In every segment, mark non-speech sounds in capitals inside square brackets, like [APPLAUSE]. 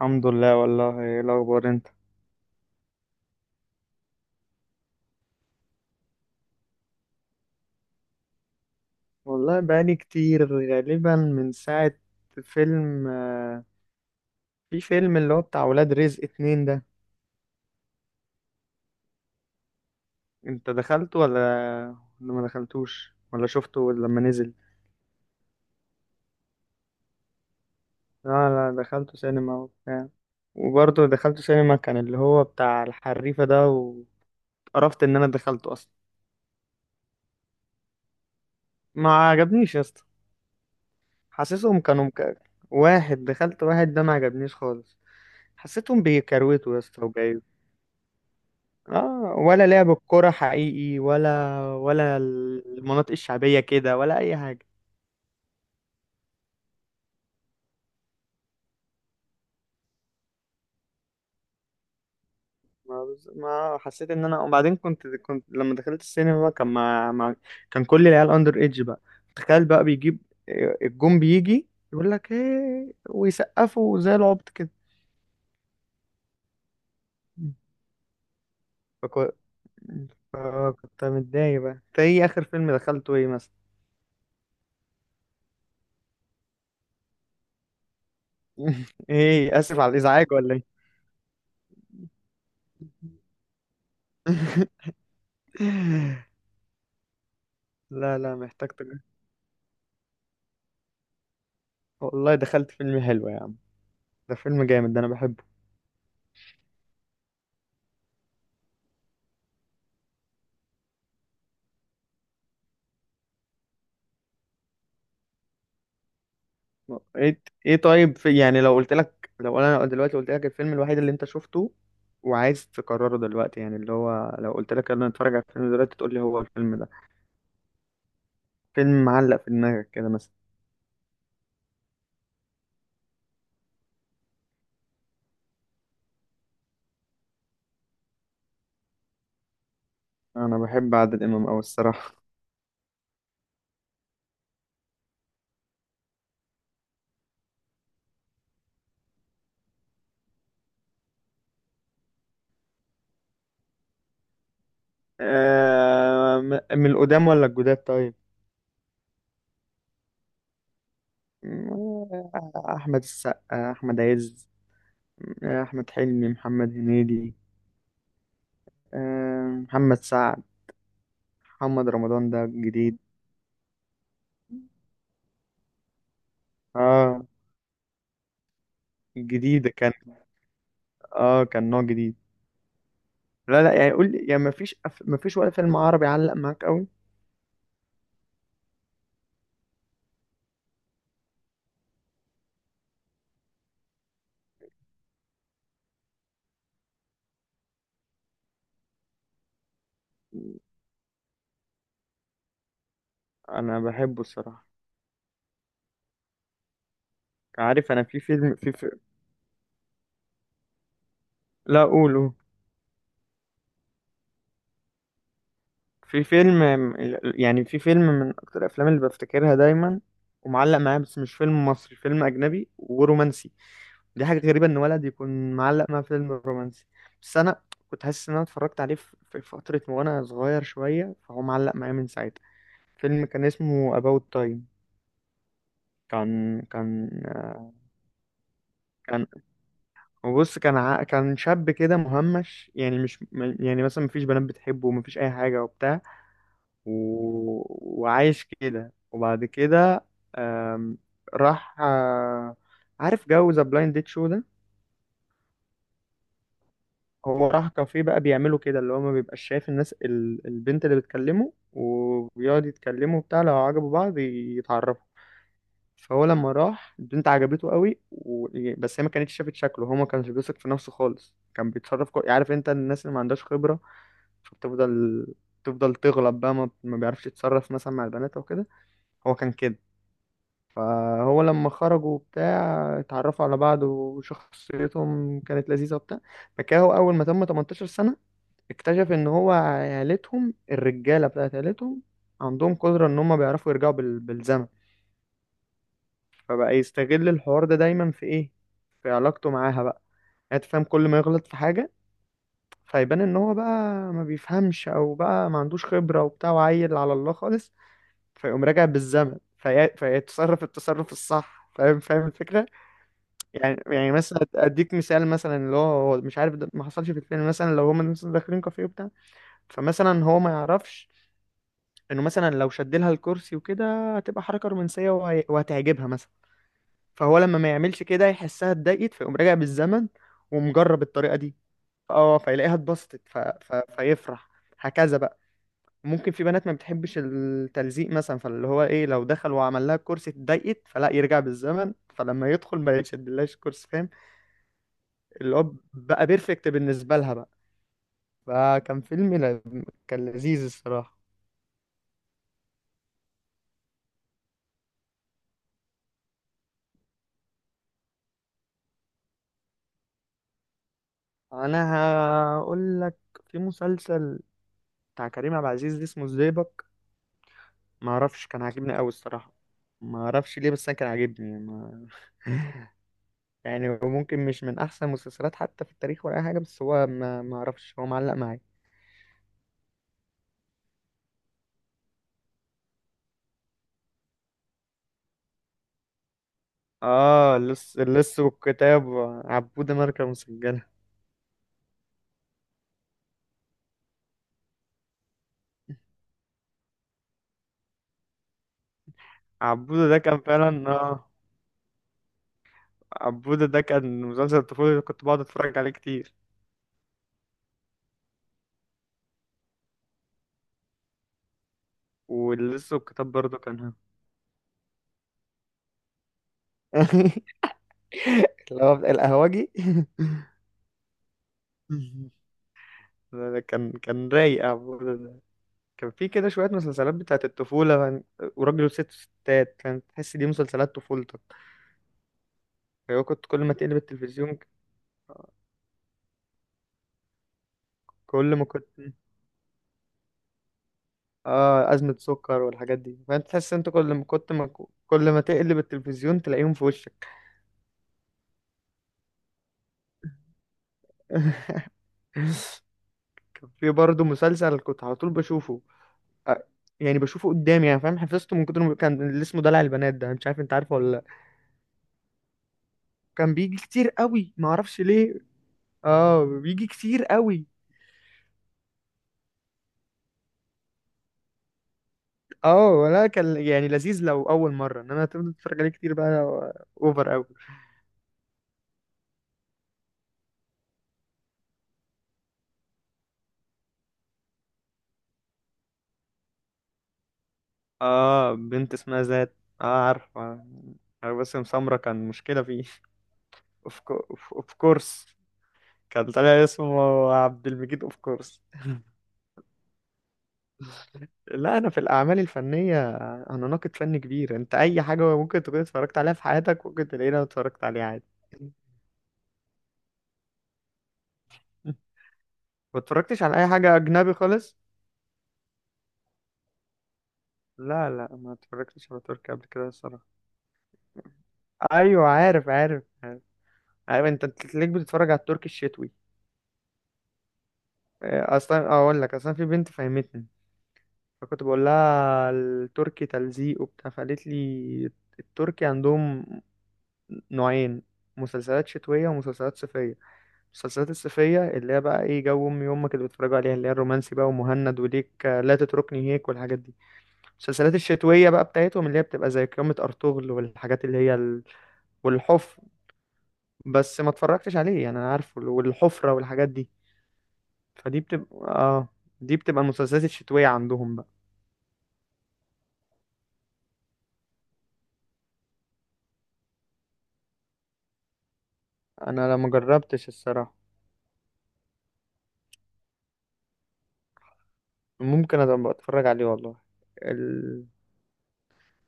الحمد لله. والله ايه الاخبار انت؟ والله بقالي كتير غالبا من ساعة فيلم. في فيلم اللي هو بتاع ولاد رزق اتنين ده. انت دخلته ولا ما دخلتوش ولا شفته لما نزل؟ لا لا دخلته سينما وبتاع. وبرضه دخلته سينما كان اللي هو بتاع الحريفة ده، وقرفت ان انا دخلته اصلا. ما عجبنيش يا اسطى. حاسسهم كانوا مك... واحد دخلت، واحد ده ما عجبنيش خالص. حسيتهم بيكروتوا يا اسطى. اه ولا لعب الكرة حقيقي ولا المناطق الشعبية كده ولا أي حاجة. ما حسيت إن أنا. وبعدين كنت لما دخلت السينما بقى، كان كل العيال أندر إيدج بقى. تخيل بقى بيجيب، الجون بيجي يقول لك إيه، ويسقفوا زي العبط كده. فكو... فكنت متضايق بقى. أنت إيه آخر فيلم دخلته إيه مثلا؟ [LAUGHS] إيه آسف على الإزعاج ولا إيه؟ [LAUGHS] لا لا محتاج تجربة. والله دخلت فيلم حلو يا عم. ده فيلم جامد، ده انا بحبه. ايه ايه طيب. في يعني لو قلت لك، لو انا دلوقتي قلت لك الفيلم الوحيد اللي انت شفته وعايز تكرره دلوقتي، يعني اللي هو لو قلت لك انا اتفرج على الفيلم دلوقتي تقول لي هو الفيلم ده، فيلم معلق في دماغك كده مثلا. انا بحب عادل امام قوي الصراحه. [LAUGHS] من القدام ولا الجداد طيب؟ آه، احمد السقا، احمد عز. احمد حلمي، محمد هنيدي. محمد سعد. محمد رمضان ده جديد. اه جديدة كان. اه كان نوع جديد. لا لا يعني قول لي، يعني مفيش ولا فيلم عربي علق معاك قوي؟ انا بحبه الصراحة. عارف انا في فيلم لا قول قول. في فيلم، يعني في فيلم من اكتر الافلام اللي بفتكرها دايما، ومعلق معايا بس مش فيلم مصري، فيلم اجنبي ورومانسي. دي حاجة غريبة ان ولد يكون معلق مع فيلم رومانسي. بس انا كنت حاسس ان انا اتفرجت عليه في فترة وانا صغير شوية، فهو معلق معايا من ساعتها. فيلم كان اسمه About Time. كان كان كان بص كان شاب كده مهمش، يعني مش م- يعني مثلا مفيش بنات بتحبه ومفيش اي حاجه وبتاع. و... وعايش كده. وبعد كده آم... راح. عارف جو ذا بلايند ديت شو ده؟ هو راح كافيه بقى بيعملوا كده، اللي هو ما بيبقاش شايف الناس، البنت اللي بتكلمه، وبيقعد يتكلموا بتاع، لو عجبوا بعض يتعرفوا. فهو لما راح البنت عجبته قوي. و... بس هي ما كانتش شافت شكله. هو ما كانش بيثق في نفسه خالص. كان بيتصرف عارف انت الناس اللي ما عندهاش خبرة، فبتفضل تفضل تغلط بقى. ما بيعرفش يتصرف مثلا مع البنات او كده. هو كان كده. فهو لما خرجوا بتاع اتعرفوا على بعض وشخصيتهم كانت لذيذة وبتاع. فكاهو أول ما تم 18 سنة اكتشف إن هو عيلتهم، الرجالة بتاعت عيلتهم، عندهم قدرة إن هما بيعرفوا يرجعوا بالزمن. فبقى يستغل الحوار ده دايما في ايه؟ في علاقته معاها بقى. يعني انت فاهم، كل ما يغلط في حاجة فيبان ان هو بقى ما بيفهمش او بقى ما عندوش خبرة وبتاع وعيل على الله خالص، فيقوم راجع بالزمن فيتصرف التصرف الصح. فاهم فاهم الفكرة؟ يعني مثلا اديك مثال، مثلا اللي هو هو مش عارف، ده ما حصلش في الفيلم، مثلا لو هما مثلا داخلين كافيه وبتاع، فمثلا هو ما يعرفش انه مثلا لو شد لها الكرسي وكده هتبقى حركة رومانسية وهتعجبها مثلا. فهو لما ما يعملش كده يحسها اتضايقت، فيقوم راجع بالزمن ومجرب الطريقة دي. اه فيلاقيها اتبسطت فيفرح. هكذا بقى. ممكن في بنات ما بتحبش التلزيق مثلا، فاللي هو ايه، لو دخل وعمل لها الكرسي اتضايقت، فلا يرجع بالزمن، فلما يدخل ما يشدلهاش الكرسي. فاهم؟ اللي هو بقى بيرفكت بالنسبة لها بقى. فكان فيلم كان لذيذ الصراحة. انا هقول لك. في مسلسل بتاع كريم عبد العزيز اسمه الزيبق. ما اعرفش، كان عاجبني قوي الصراحه. ما اعرفش ليه بس انا كان عاجبني يعني. ما... [LAUGHS] يعني هو ممكن مش من احسن المسلسلات حتى في التاريخ ولا اي حاجه، بس هو ما اعرفش، هو معلق معايا. اه اللص، اللص والكتاب، عبودة ماركة مسجلة. عبودة ده كان فعلا. اه عبودة ده كان مسلسل الطفولة اللي كنت بقعد اتفرج عليه كتير. واللص والكتاب برضه كان. [LAUGHS] اللي هو القهوجي. [LAUGHS] ده كان رايق عبودة ده. كان في كده شوية مسلسلات بتاعت الطفولة وراجل وست وستات. كانت تحس دي مسلسلات طفولتك. أيوة كنت كل ما تقلب التلفزيون. كل ما كنت، اه أزمة سكر والحاجات دي، فأنت تحس أنت كل ما كنت ما كل ما تقلب التلفزيون تلاقيهم في وشك. [LAUGHS] كان في برضه مسلسل كنت على طول بشوفه. آه، يعني بشوفه قدامي يعني فاهم، حفظته من كتر ما كان، اللي اسمه دلع البنات ده، مش عارف انت عارفه ولا لا. كان بيجي كتير قوي ما اعرفش ليه. اه بيجي كتير قوي. اه ولا كان يعني لذيذ لو اول مره، انما هتفضل تتفرج عليه كتير بقى، اوفر اوي. اه بنت اسمها ذات. اه عارف عارف. باسم سمرة كان مشكله فيه. اوف كورس. كان طالع اسمه عبد المجيد اوف كورس. لا انا في الاعمال الفنيه انا ناقد فني كبير. انت اي حاجه ممكن تكون اتفرجت عليها في حياتك ممكن تلاقيني اتفرجت عليها عادي. ما اتفرجتش على اي حاجه اجنبي خالص. لا لا، ما اتفرجتش على تركي قبل كده الصراحه. ايوه عارف عارف. عارف انت تلاقيك بتتفرج على التركي الشتوي. اصلا اقول لك، اصلا في بنت فهمتني. فكنت بقول لها التركي تلزيق وبتاع، فقالت لي التركي عندهم نوعين: مسلسلات شتوية ومسلسلات صيفية. المسلسلات الصيفية اللي هي بقى ايه، جو امي وامك اللي بيتفرجوا عليها، اللي هي الرومانسي بقى ومهند، وليك لا تتركني هيك والحاجات دي. المسلسلات الشتوية بقى بتاعتهم اللي هي بتبقى زي قيامة ارطغرل والحاجات اللي هي والحفر. بس ما اتفرجتش عليه يعني، انا عارفه والحفرة والحاجات دي. فدي بتبقى اه، دي بتبقى المسلسلات الشتوية عندهم بقى. انا لا ما جربتش الصراحة. ممكن ابقى اتفرج عليه والله. ال...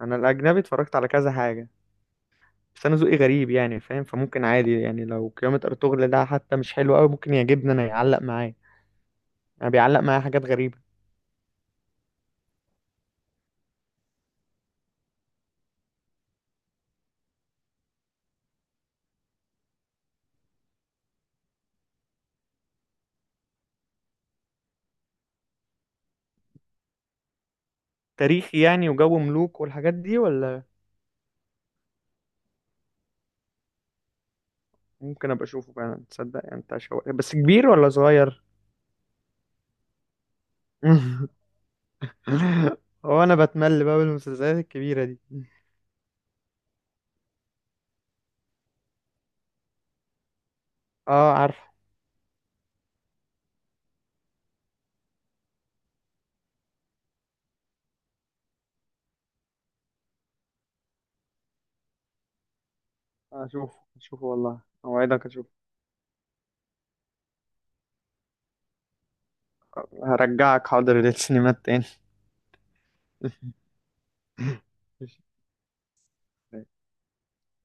انا الاجنبي اتفرجت على كذا حاجة، بس انا ذوقي غريب يعني فاهم، فممكن عادي يعني لو قيامة ارطغرل ده حتى مش حلو قوي ممكن يعجبني انا، يعلق معايا. انا بيعلق معايا حاجات غريبة. تاريخي يعني وجو ملوك والحاجات دي ولا؟ ممكن ابقى اشوفه فعلا تصدق. يعني انت بس كبير ولا صغير؟ [LAUGHS] هو انا بتمل بقى بالمسلسلات الكبيرة دي. اه عارف. اشوف اشوف والله اوعدك اشوف. هرجعك حاضر للسينمات تاني. [LAUGHS]